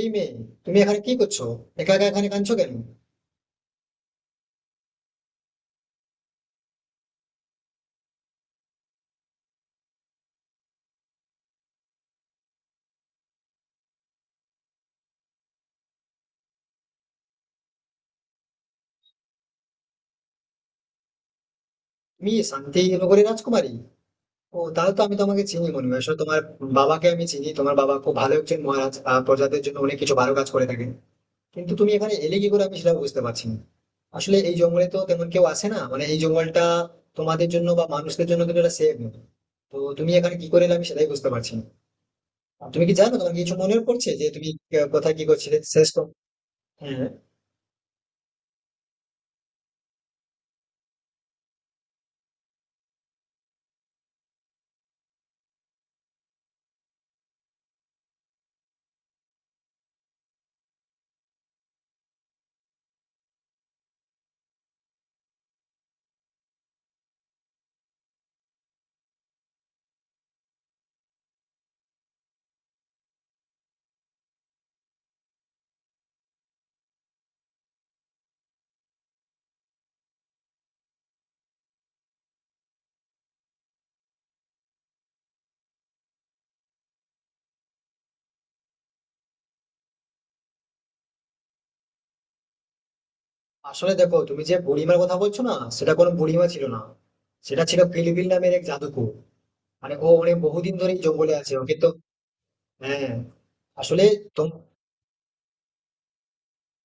এই মেয়ে, তুমি এখানে কি করছো? একা একা এখানে কাঁদছো কেন? তুমি শান্তি নগরের রাজকুমারী? ও, তাহলে তো আমি তোমাকে চিনি মনে হয়। আসলে তোমার বাবাকে আমি চিনি। তোমার বাবা খুব ভালো একজন মহারাজ, প্রজাদের জন্য অনেক কিছু ভালো কাজ করে থাকেন। কিন্তু তুমি এখানে এলে কি করে আমি সেটা বুঝতে পারছি না। আসলে এই জঙ্গলে তো তেমন কেউ আসে না, মানে এই জঙ্গলটা তোমাদের জন্য বা মানুষদের জন্য কিন্তু এটা সেফ নয়। তো তুমি এখানে কি করে এলে আমি সেটাই বুঝতে পারছি না। তুমি কি জানো, তোমার কিছু মনে পড়ছে যে তুমি কোথায় কি করছিলে শেষ? তো হ্যাঁ। আসলে দেখো, তুমি যে বুড়িমার কথা বলছো না, সেটা কোনো বুড়িমা ছিল না। সেটা ছিল পিলিবিল নামের এক জাদুকর। মানে ও অনেক বহুদিন ধরে জঙ্গলে আছে ও, কিন্তু। হ্যাঁ। আসলে তোম-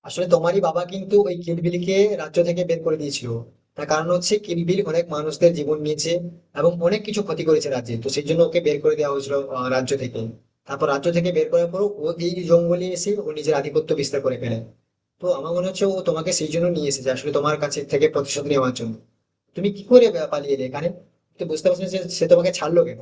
আসলে তোমারই বাবা কিন্তু ওই কিলবিলকে রাজ্য থেকে বের করে দিয়েছিল। তার কারণ হচ্ছে কিলবিল অনেক মানুষদের জীবন নিয়েছে এবং অনেক কিছু ক্ষতি করেছে রাজ্যে। তো সেই জন্য ওকে বের করে দেওয়া হয়েছিল রাজ্য থেকে। তারপর রাজ্য থেকে বের করার পর ও এই জঙ্গলে এসে ও নিজের আধিপত্য বিস্তার করে ফেলে। তো আমার মনে হচ্ছে ও তোমাকে সেই জন্য নিয়ে এসেছে আসলে তোমার কাছে থেকে প্রতিশোধ নেওয়ার জন্য। তুমি কি করে পালিয়ে এলে? কারণ তুমি বুঝতে পারছো না যে সে তোমাকে ছাড়লো কেন,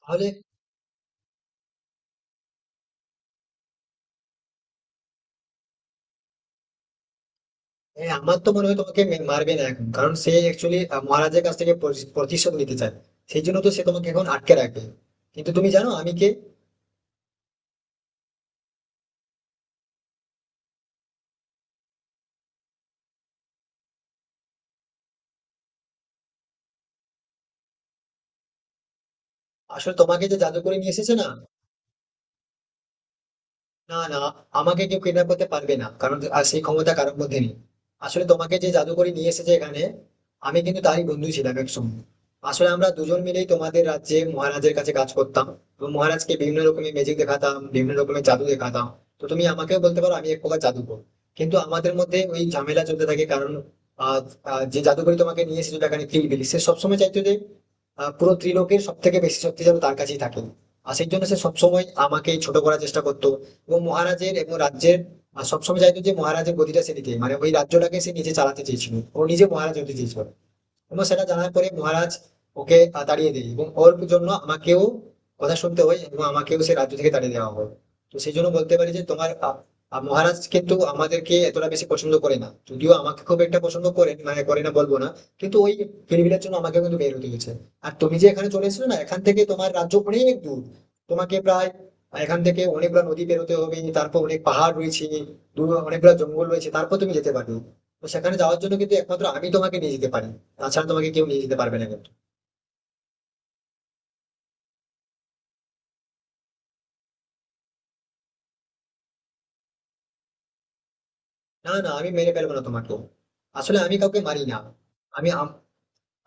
তাহলে? আমার তো মনে হয় তোমাকে মারবে না এখন, কারণ সে অ্যাকচুয়ালি মহারাজের কাছ থেকে প্রতিশোধ নিতে চায়। সেই জন্য তো সে তোমাকে এখন আটকে রাখবে। কিন্তু তুমি জানো আমি কে? আসলে তোমাকে যে জাদু করে নিয়ে এসেছে না, না, না, আমাকে কেউ কিডন্যাপ করতে পারবে না। কারণ সেই ক্ষমতা কারোর মধ্যে নেই। আসলে তোমাকে যে জাদু করে নিয়ে এসেছে এখানে, আমি কিন্তু তারই বন্ধু ছিলাম একসময়। আসলে আমরা দুজন মিলেই তোমাদের রাজ্যে মহারাজের কাছে কাজ করতাম। এবং মহারাজকে বিভিন্ন রকমের ম্যাজিক দেখাতাম, বিভিন্ন রকমের জাদু দেখাতাম। তো তুমি আমাকেও বলতে পারো আমি এক প্রকার জাদুকর। কিন্তু আমাদের মধ্যে ওই ঝামেলা চলতে থাকে, কারণ আ আ যে জাদুকরী তোমাকে নিয়ে এসেছিল এখানে কিলিবিলি, সে সবসময় চাইতো যে পুরো ত্রিলোকের সবথেকে বেশি শক্তি যেন তার কাছেই থাকে। আর সেই জন্য সে সবসময় আমাকেই ছোট করার চেষ্টা করতো। এবং মহারাজের এবং রাজ্যের সবসময় চাইতো যে মহারাজের গদিটা সে নিতে, মানে ওই রাজ্যটাকে সে নিজে চালাতে চেয়েছিল, ও নিজে মহারাজ হতে চেয়েছিল। এবং সেটা জানার পরে মহারাজ ওকে তাড়িয়ে দেয় এবং ওর জন্য আমাকেও কথা শুনতে হয় এবং আমাকেও সে রাজ্য থেকে তাড়িয়ে দেওয়া হয়। তো সেই জন্য বলতে পারি যে তোমার আহ, আহ, মহারাজ কিন্তু আমাদেরকে এতটা বেশি পছন্দ করে না, যদিও আমাকে খুব একটা পছন্দ করে মানে করে না বলবো না। কিন্তু ওই ফিরবিলের জন্য আমাকে কিন্তু বের হতে হয়েছে। আর তুমি যে এখানে চলে এসেছো না, এখান থেকে তোমার রাজ্য অনেক দূর। তোমাকে প্রায় এখান থেকে অনেকগুলো নদী পেরোতে হবে, তারপর অনেক পাহাড় রয়েছে, দূর অনেকগুলো জঙ্গল রয়েছে, তারপর তুমি যেতে পারবে। তো সেখানে যাওয়ার জন্য কিন্তু একমাত্র আমি তোমাকে নিয়ে যেতে পারি। তাছাড়া তোমাকে কেউ নিয়ে যেতে পারবে না কিন্তু। না, না, আমি মেরে ফেলবো না তোমাকে। আসলে আমি কাউকে মারি না। আমি আমার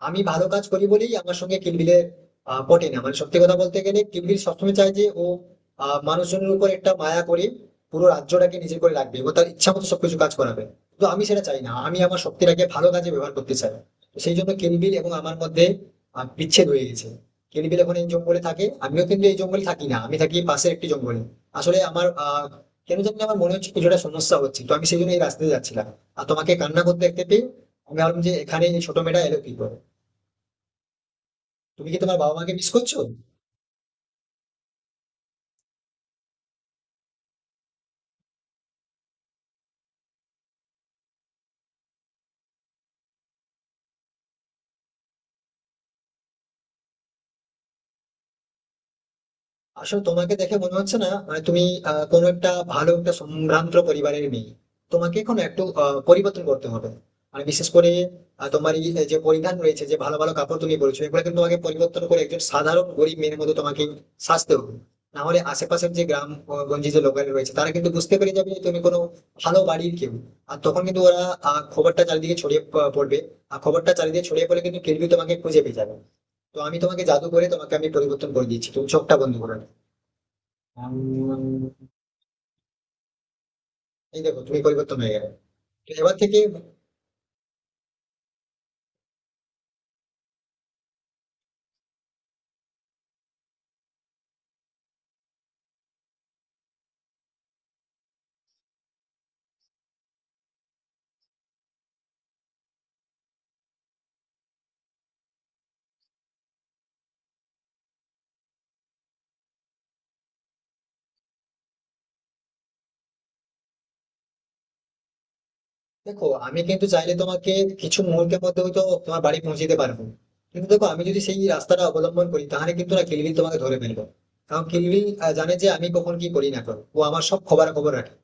আমি ভালো কাজ করি বলেই আমার সঙ্গে কিলবিলের পটে না। মানে সত্যি কথা বলতে গেলে কিলবিল সবসময় চায় যে ও মানুষজনের উপর একটা মায়া করে পুরো রাজ্যটাকে নিজের করে রাখবে এবং তার ইচ্ছা মতো সবকিছু কাজ করাবে। কিন্তু আমি সেটা চাই না, আমি আমার শক্তিটাকে ভালো কাজে ব্যবহার করতে চাই। তো সেই জন্য কিলবিল এবং আমার মধ্যে বিচ্ছেদ হয়ে গেছে। কিলবিল এখন এই জঙ্গলে থাকে, আমিও কিন্তু এই জঙ্গলে থাকি না, আমি থাকি পাশের একটি জঙ্গলে। আসলে আমার কেন জানি না আমার মনে হচ্ছে কিছুটা সমস্যা হচ্ছে, তো আমি সেই জন্য এই রাস্তাতে যাচ্ছিলাম। আর তোমাকে কান্না করতে দেখতে পেয়ে আমি ভাবলাম যে এখানে এই ছোট মেয়েটা এলো কি করে। তুমি কি তোমার বাবা মাকে মিস করছো? আসলে তোমাকে দেখে মনে হচ্ছে না মানে তুমি কোনো একটা ভালো একটা সম্ভ্রান্ত পরিবারের মেয়ে। তোমাকে এখন একটু পরিবর্তন করতে হবে। আর বিশেষ করে তোমার এই যে পরিধান রয়েছে, যে ভালো ভালো কাপড় তুমি বলছো, এগুলো কিন্তু তোমাকে পরিবর্তন করে একজন সাধারণ গরিব মেয়ের মতো তোমাকে সাজতে হবে। না হলে আশেপাশের যে গ্রাম গঞ্জে যে লোকাল রয়েছে তারা কিন্তু বুঝতে পেরে যাবে যে তুমি কোনো ভালো বাড়ির কেউ। আর তখন কিন্তু ওরা খবরটা চারিদিকে ছড়িয়ে পড়বে। আর খবরটা চারিদিকে ছড়িয়ে পড়লে কিন্তু কেউ তোমাকে খুঁজে পেয়ে যাবে। তো আমি তোমাকে জাদু করে তোমাকে আমি পরিবর্তন করে দিচ্ছি, তুমি চোখটা বন্ধ করো। এই দেখো, তুমি পরিবর্তন হয়ে গেলে। তো এবার থেকে দেখো আমি কিন্তু চাইলে তোমাকে কিছু মুহূর্তের মধ্যে হয়তো তোমার বাড়ি পৌঁছে দিতে পারবো। কিন্তু দেখো, আমি যদি সেই রাস্তাটা অবলম্বন করি তাহলে কিন্তু না কিলবিল তোমাকে ধরে ফেলবো। কারণ কিলবিল জানে যে আমি কখন কি করি না করো, ও আমার সব খবর খবর রাখে।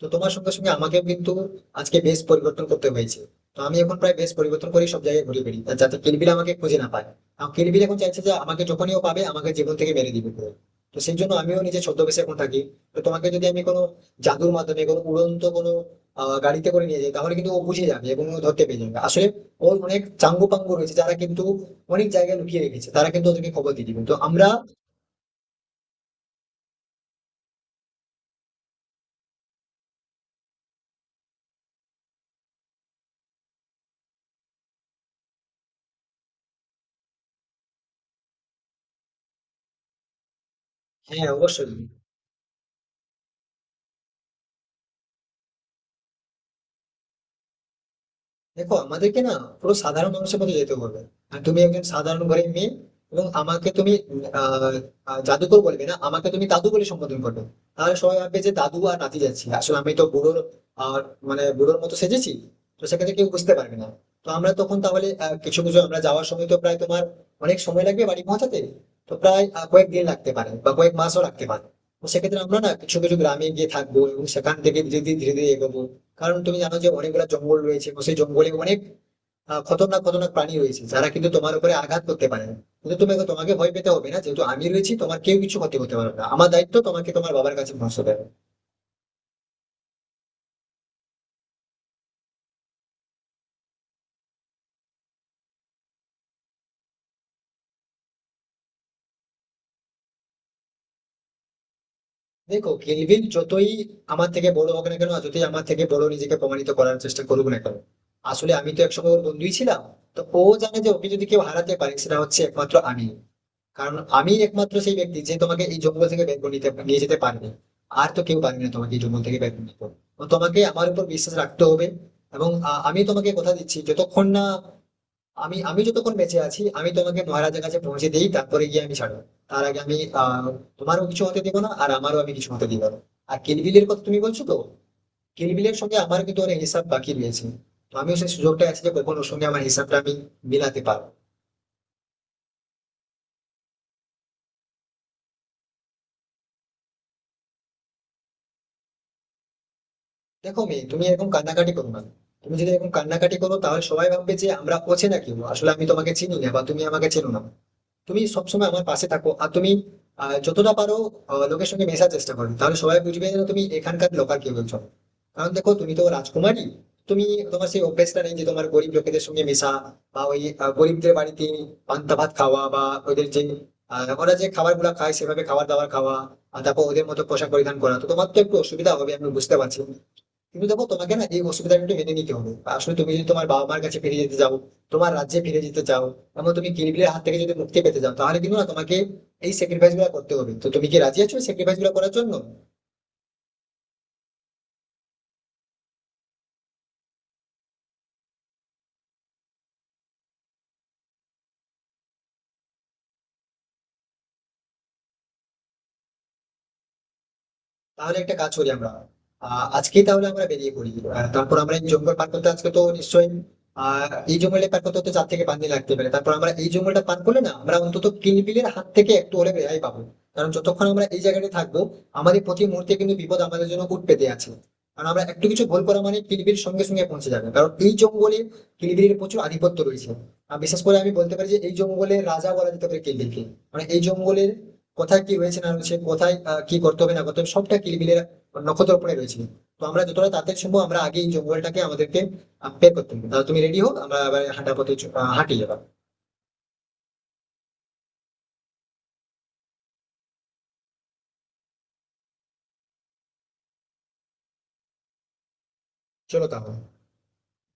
তো তোমার সঙ্গে সঙ্গে আমাকেও কিন্তু আজকে বেশ পরিবর্তন করতে হয়েছে। তো আমি এখন প্রায় বেশ পরিবর্তন করি সব জায়গায় ঘুরে বেড়ি যাতে কিলবিল আমাকে খুঁজে না পায়। কারণ কিলবিল এখন চাইছে যে আমাকে যখনই ও পাবে আমাকে জীবন থেকে মেরে দিবে পুরো। তো সেই জন্য আমিও নিজে ছদ্মবেশে এখন থাকি। তো তোমাকে যদি আমি কোনো জাদুর মাধ্যমে কোনো উড়ন্ত কোনো গাড়িতে করে নিয়ে যাই তাহলে কিন্তু ও বুঝে যাবে এবং ও ধরতে পেরে যাবে আসলে। ওর অনেক চাঙ্গু পাঙ্গু রয়েছে যারা কিন্তু অনেক জায়গায় লুকিয়ে রেখেছে, তারা কিন্তু ওদেরকে খবর দিয়ে দিবে, তো আমরা। হ্যাঁ, অবশ্যই। দেখো আমাদেরকে না পুরো সাধারণ মানুষের মতো যেতে হবে। আর তুমি একজন সাধারণ ঘরের মেয়ে এবং আমাকে তুমি আহ আহ, জাদুকর বলবে না, আমাকে তুমি দাদু বলে সম্বোধন করবে। তাহলে সবাই ভাববে যে দাদু আর নাতি যাচ্ছি, আসলে আমি তো বুড়োর আর, মানে বুড়োর মতো সেজেছি। তো সেক্ষেত্রে কেউ বুঝতে পারবে না। তো আমরা তখন তাহলে কিছু কিছু আমরা যাওয়ার সময় তো প্রায় তোমার অনেক সময় লাগবে বাড়ি পৌঁছাতে। তো প্রায় কয়েক দিন লাগতে পারে বা কয়েক মাসও লাগতে পারে। তো সেক্ষেত্রে আমরা না কিছু কিছু গ্রামে গিয়ে থাকবো এবং সেখান থেকে ধীরে ধীরে এগোবো। কারণ তুমি জানো যে অনেকগুলো জঙ্গল রয়েছে এবং সেই জঙ্গলে অনেক খতরনাক খতরনাক প্রাণী রয়েছে যারা কিন্তু তোমার উপরে আঘাত করতে পারে না। কিন্তু তুমি তোমাকে ভয় পেতে হবে না, যেহেতু আমি রয়েছি তোমার কেউ কিছু ক্ষতি করতে পারবে না, আমার দায়িত্ব তোমাকে তোমার বাবার কাছে পৌঁছে দেবে। দেখো, কিলবিল যতই আমার থেকে বড় হোক না কেন আর যতই আমার থেকে বড় নিজেকে প্রমাণিত করার চেষ্টা করুক না কেন, আসলে আমি তো একসময় ওর বন্ধুই ছিলাম। তো ও জানে যে ওকে যদি কেউ হারাতে পারে সেটা হচ্ছে একমাত্র আমি। কারণ আমি একমাত্র সেই ব্যক্তি যে তোমাকে এই জঙ্গল থেকে বের করে নিতে নিয়ে যেতে পারবে। আর তো কেউ পারবে না তোমাকে এই জঙ্গল থেকে বের করে নিতে। তো তোমাকে আমার উপর বিশ্বাস রাখতে হবে। এবং আমি তোমাকে কথা দিচ্ছি যতক্ষণ না আমি আমি যতক্ষণ বেঁচে আছি আমি তোমাকে মহারাজের কাছে পৌঁছে দিই, তারপরে গিয়ে আমি ছাড়ো। তার আগে আমি আহ তোমারও কিছু হতে দিব না আর আমারও আমি কিছু হতে দিব না। আর কিলবিলের কথা তুমি বলছো তো, কিলবিলের সঙ্গে আমার কিন্তু অনেক হিসাব বাকি রয়েছে। তো আমিও সেই সুযোগটা আছে যে কখন ওর সঙ্গে আমার হিসাবটা আমি মিলাতে পারবো। দেখো মেয়ে, তুমি এরকম কান্নাকাটি করো না। তুমি যদি এরকম কান্নাকাটি করো তাহলে সবাই ভাববে যে আমরা অচেনা কেউ, আসলে আমি তোমাকে চিনি না বা তুমি আমাকে চেনো না। তুমি সবসময় আমার পাশে থাকো আর তুমি যতটা পারো লোকের সঙ্গে মেশার চেষ্টা করো, তাহলে সবাই বুঝবে যে তুমি এখানকার লোকাল কেউ একজন। কারণ দেখো তুমি তো রাজকুমারী। তুমি, তোমার সেই অভ্যেসটা নেই যে তোমার গরিব লোকেদের সঙ্গে মেশা বা ওই গরিবদের বাড়িতে পান্তা ভাত খাওয়া বা ওদের যে ওরা যে খাবার গুলা খায় সেভাবে খাবার দাবার খাওয়া আর তারপর ওদের মতো পোশাক পরিধান করা, তো তোমার তো একটু অসুবিধা হবে আমি বুঝতে পারছি। কিন্তু দেখো তোমাকে না এই অসুবিধাটা একটু মেনে নিতে হবে। আসলে তুমি যদি তোমার বাবা মার কাছে ফিরে যেতে চাও, তোমার রাজ্যে ফিরে যেতে চাও এবং তুমি কিরবিলের হাত থেকে যদি মুক্তি পেতে চাও তাহলে কিন্তু না তোমাকে এই স্যাক্রিফাইস গুলো করতে হবে। তো তুমি কি রাজি আছো স্যাক্রিফাইস গুলো করার জন্য? তাহলে একটা কাজ করি আমরা। আজকেই তাহলে আমরা বেরিয়ে পড়ি। তারপর আমরা এই জঙ্গল পার করতে আজকে তো নিশ্চয়ই, এই জঙ্গলটা পার করতে হতে 4 থেকে 5 দিন লাগতে পারে। তারপর আমরা এই জঙ্গলটা পার করলে না আমরা অন্তত কিলবিলের হাত থেকে একটু হলে রেহাই পাবো। কারণ যতক্ষণ আমরা এই জায়গাটা থাকবো আমাদের প্রতি মুহূর্তে কিন্তু বিপদ আমাদের জন্য উঠ পেতে আছে। কারণ আমরা একটু কিছু ভুল করা মানে কিলবিল সঙ্গে সঙ্গে পৌঁছে যাবে, কারণ এই জঙ্গলে কিলবিলের প্রচুর আধিপত্য রয়েছে। আর বিশেষ করে আমি বলতে পারি যে এই জঙ্গলের রাজা বলা যেতে পারে কিলবিলকে। মানে এই জঙ্গলের কোথায় কি হয়েছে না হয়েছে, কোথায় কি করতে হবে না করতে হবে, সবটা কিলবিলের নক্ষত্র উপরে রয়েছে। তো আমরা যতটা তাড়াতাড়ি সম্ভব আমরা আগে এই জঙ্গলটাকে আমাদেরকে বের করতে হবে। তাহলে তুমি রেডি হো, আমরা আবার হাঁটা পথে হাঁটি যাবা। চলো তাহলে।